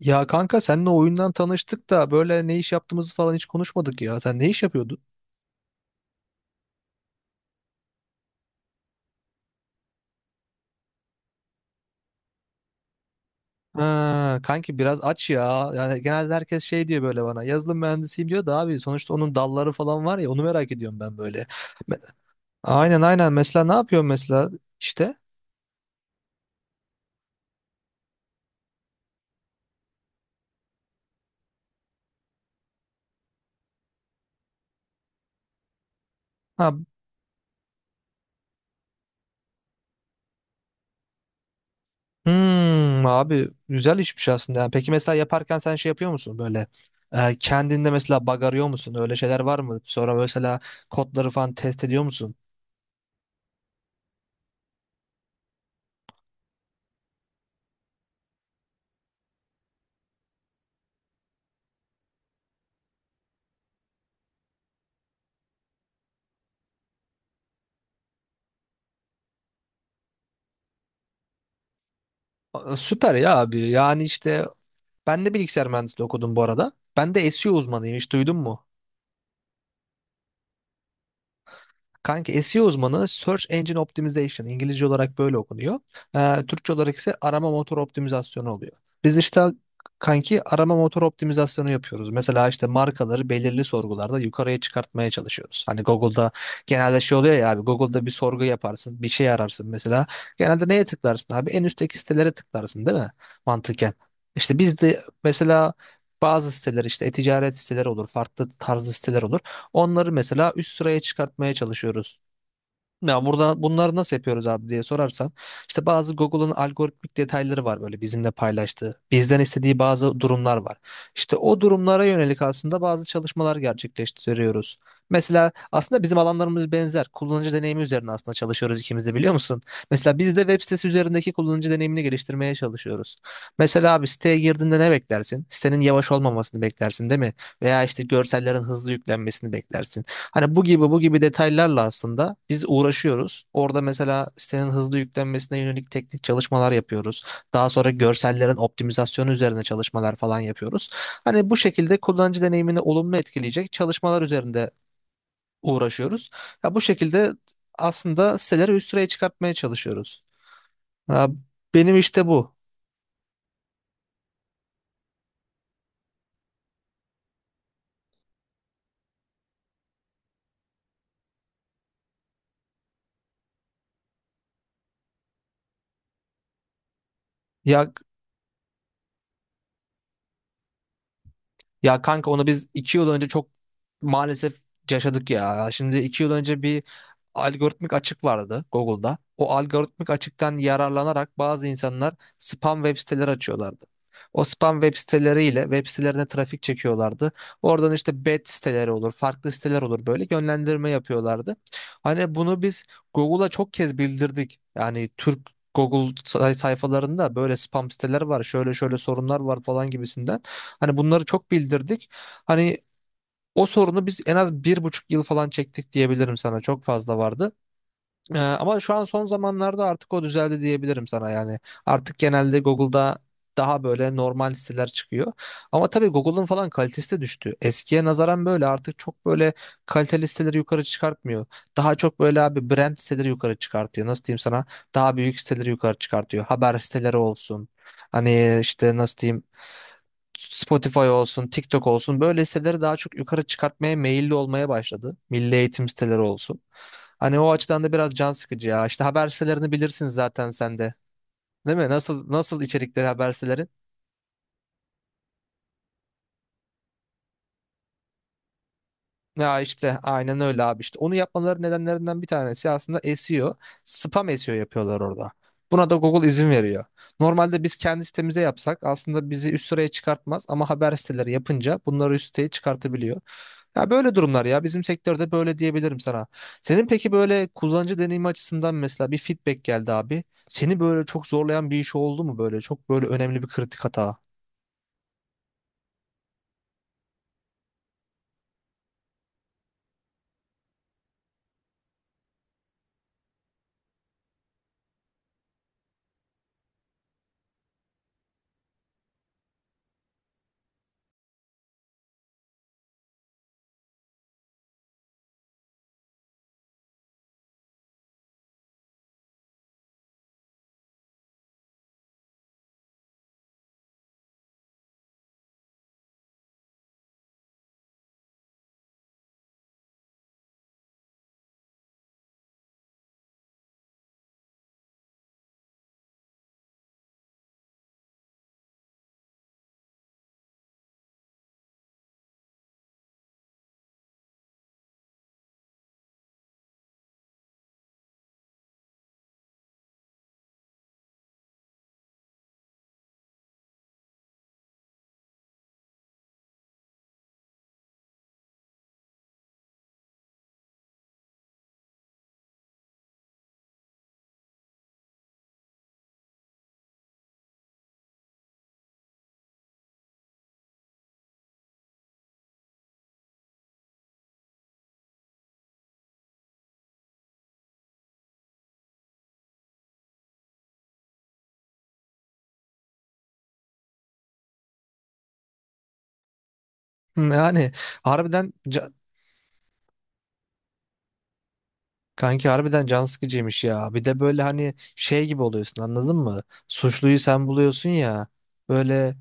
Ya kanka seninle oyundan tanıştık da böyle ne iş yaptığımızı falan hiç konuşmadık ya. Sen ne iş yapıyordun? Ha, kanki biraz aç ya. Yani genelde herkes şey diyor böyle bana. Yazılım mühendisiyim diyor da abi sonuçta onun dalları falan var ya onu merak ediyorum ben böyle. Me- Aynen aynen, mesela ne yapıyorsun mesela işte? Ha. Hmm, abi güzel işmiş aslında. Yani peki mesela yaparken sen şey yapıyor musun böyle kendinde mesela bug arıyor musun? Öyle şeyler var mı? Sonra mesela kodları falan test ediyor musun? Aa, süper ya abi. Yani işte ben de bilgisayar mühendisliği okudum bu arada. Ben de SEO uzmanıyım, hiç duydun mu? Kanka SEO uzmanı Search Engine Optimization İngilizce olarak böyle okunuyor. Türkçe olarak ise arama motor optimizasyonu oluyor. Biz işte kanki arama motor optimizasyonu yapıyoruz. Mesela işte markaları belirli sorgularda yukarıya çıkartmaya çalışıyoruz. Hani Google'da genelde şey oluyor ya abi, Google'da bir sorgu yaparsın, bir şey ararsın mesela. Genelde neye tıklarsın abi, en üstteki sitelere tıklarsın değil mi mantıken. İşte biz de mesela bazı siteler, işte e-ticaret siteleri olur, farklı tarzı siteler olur. Onları mesela üst sıraya çıkartmaya çalışıyoruz. Ya burada bunları nasıl yapıyoruz abi diye sorarsan, işte bazı Google'ın algoritmik detayları var böyle bizimle paylaştığı. Bizden istediği bazı durumlar var. İşte o durumlara yönelik aslında bazı çalışmalar gerçekleştiriyoruz. Mesela aslında bizim alanlarımız benzer. Kullanıcı deneyimi üzerine aslında çalışıyoruz ikimiz de, biliyor musun? Mesela biz de web sitesi üzerindeki kullanıcı deneyimini geliştirmeye çalışıyoruz. Mesela abi siteye girdiğinde ne beklersin? Sitenin yavaş olmamasını beklersin değil mi? Veya işte görsellerin hızlı yüklenmesini beklersin. Hani bu gibi bu gibi detaylarla aslında biz uğraşıyoruz. Orada mesela sitenin hızlı yüklenmesine yönelik teknik çalışmalar yapıyoruz. Daha sonra görsellerin optimizasyonu üzerine çalışmalar falan yapıyoruz. Hani bu şekilde kullanıcı deneyimini olumlu etkileyecek çalışmalar üzerinde uğraşıyoruz. Ya bu şekilde aslında siteleri üst sıraya çıkartmaya çalışıyoruz. Ya benim işte bu. Ya Ya kanka, onu biz 2 yıl önce çok maalesef yaşadık ya. Şimdi 2 yıl önce bir algoritmik açık vardı Google'da. O algoritmik açıktan yararlanarak bazı insanlar spam web siteleri açıyorlardı. O spam web siteleriyle web sitelerine trafik çekiyorlardı. Oradan işte bet siteleri olur, farklı siteler olur, böyle yönlendirme yapıyorlardı. Hani bunu biz Google'a çok kez bildirdik. Yani Türk Google sayfalarında böyle spam siteler var, şöyle şöyle sorunlar var falan gibisinden. Hani bunları çok bildirdik. Hani o sorunu biz en az 1,5 yıl falan çektik diyebilirim sana. Çok fazla vardı. Ama şu an son zamanlarda artık o düzeldi diyebilirim sana yani. Artık genelde Google'da daha böyle normal siteler çıkıyor. Ama tabii Google'ın falan kalitesi de düştü. Eskiye nazaran böyle artık çok böyle kaliteli siteleri yukarı çıkartmıyor. Daha çok böyle abi brand siteleri yukarı çıkartıyor. Nasıl diyeyim sana? Daha büyük siteleri yukarı çıkartıyor. Haber siteleri olsun. Hani işte nasıl diyeyim, Spotify olsun, TikTok olsun, böyle siteleri daha çok yukarı çıkartmaya meyilli olmaya başladı. Milli eğitim siteleri olsun. Hani o açıdan da biraz can sıkıcı ya. İşte haber sitelerini bilirsin zaten sen de. Değil mi? Nasıl nasıl içerikleri haber siteleri? Ya işte aynen öyle abi, işte onu yapmaları nedenlerinden bir tanesi aslında SEO, spam SEO yapıyorlar orada. Buna da Google izin veriyor. Normalde biz kendi sitemize yapsak aslında bizi üst sıraya çıkartmaz ama haber siteleri yapınca bunları üst siteye çıkartabiliyor. Ya böyle durumlar ya, bizim sektörde böyle diyebilirim sana. Senin peki böyle kullanıcı deneyimi açısından mesela bir feedback geldi abi. Seni böyle çok zorlayan bir iş oldu mu, böyle çok böyle önemli bir kritik hata? Yani harbiden ca- Kanki harbiden can sıkıcıymış ya. Bir de böyle hani şey gibi oluyorsun, anladın mı? Suçluyu sen buluyorsun ya. Böyle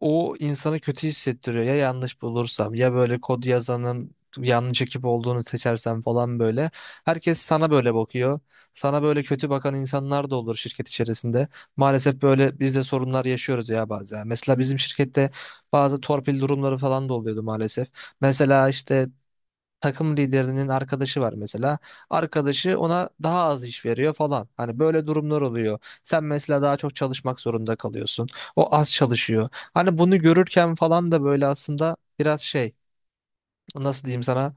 o insanı kötü hissettiriyor. Ya yanlış bulursam, ya böyle kod yazanın yanlış ekip olduğunu seçersem falan böyle. Herkes sana böyle bakıyor. Sana böyle kötü bakan insanlar da olur şirket içerisinde. Maalesef böyle biz de sorunlar yaşıyoruz ya bazen. Mesela bizim şirkette bazı torpil durumları falan da oluyordu maalesef. Mesela işte takım liderinin arkadaşı var mesela. Arkadaşı ona daha az iş veriyor falan. Hani böyle durumlar oluyor. Sen mesela daha çok çalışmak zorunda kalıyorsun. O az çalışıyor. Hani bunu görürken falan da böyle aslında biraz şey, nasıl diyeyim sana,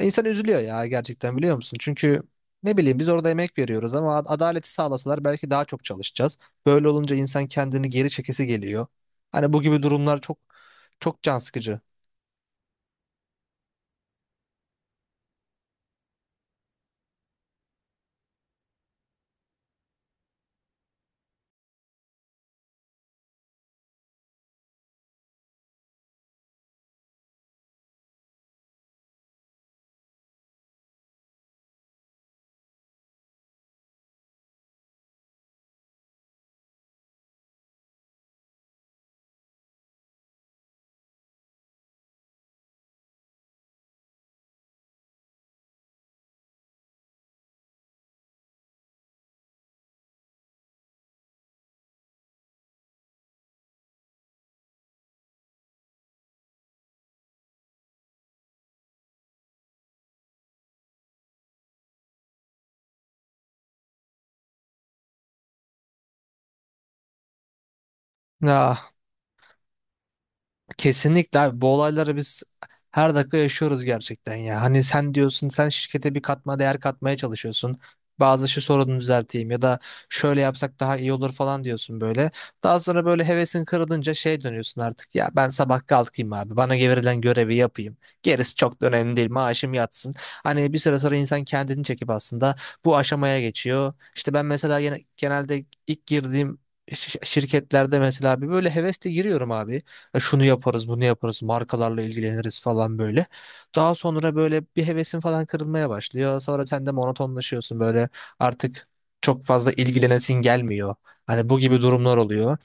İnsan üzülüyor ya gerçekten, biliyor musun? Çünkü ne bileyim biz orada emek veriyoruz ama adaleti sağlasalar belki daha çok çalışacağız. Böyle olunca insan kendini geri çekesi geliyor. Hani bu gibi durumlar çok çok can sıkıcı. Ya kesinlikle abi, bu olayları biz her dakika yaşıyoruz gerçekten ya. Hani sen diyorsun sen şirkete bir katma değer katmaya çalışıyorsun. Bazı şu sorunu düzelteyim ya da şöyle yapsak daha iyi olur falan diyorsun böyle. Daha sonra böyle hevesin kırılınca şey dönüyorsun artık, ya ben sabah kalkayım abi bana verilen görevi yapayım. Gerisi çok da önemli değil, maaşım yatsın. Hani bir süre sonra insan kendini çekip aslında bu aşamaya geçiyor. İşte ben mesela genelde ilk girdiğim şirketlerde mesela bir böyle hevesle giriyorum abi. Şunu yaparız, bunu yaparız, markalarla ilgileniriz falan böyle. Daha sonra böyle bir hevesin falan kırılmaya başlıyor. Sonra sen de monotonlaşıyorsun böyle, artık çok fazla ilgilenesin gelmiyor. Hani bu gibi durumlar oluyor.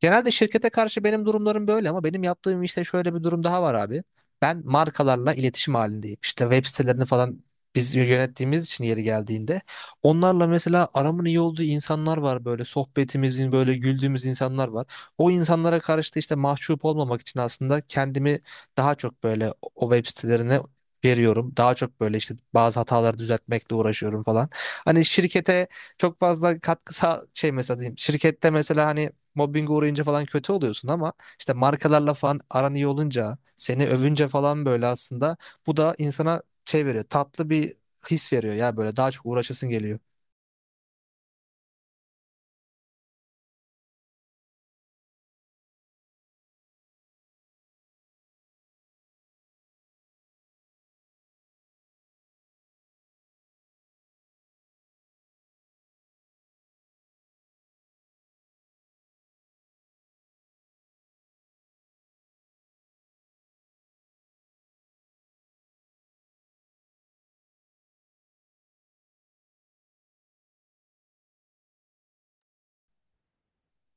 Genelde şirkete karşı benim durumlarım böyle ama benim yaptığım işte şöyle bir durum daha var abi. Ben markalarla iletişim halindeyim. İşte web sitelerini falan biz yönettiğimiz için yeri geldiğinde onlarla mesela aramın iyi olduğu insanlar var, böyle sohbetimizin böyle güldüğümüz insanlar var. O insanlara karşı da işte mahcup olmamak için aslında kendimi daha çok böyle o web sitelerine veriyorum. Daha çok böyle işte bazı hataları düzeltmekle uğraşıyorum falan. Hani şirkete çok fazla katkısa şey mesela diyeyim. Şirkette mesela hani mobbinge uğrayınca falan kötü oluyorsun ama işte markalarla falan aran iyi olunca, seni övünce falan böyle aslında bu da insana şey veriyor, tatlı bir his veriyor ya, böyle daha çok uğraşasın geliyor.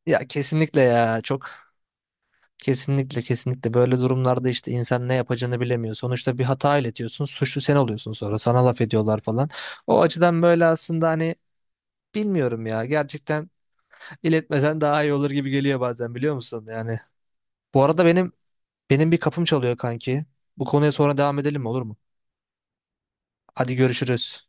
Ya kesinlikle ya çok kesinlikle böyle durumlarda işte insan ne yapacağını bilemiyor. Sonuçta bir hata iletiyorsun, suçlu sen oluyorsun, sonra sana laf ediyorlar falan. O açıdan böyle aslında hani, bilmiyorum ya gerçekten, İletmesen daha iyi olur gibi geliyor bazen, biliyor musun? Yani bu arada benim bir kapım çalıyor kanki. Bu konuya sonra devam edelim mi, olur mu? Hadi görüşürüz.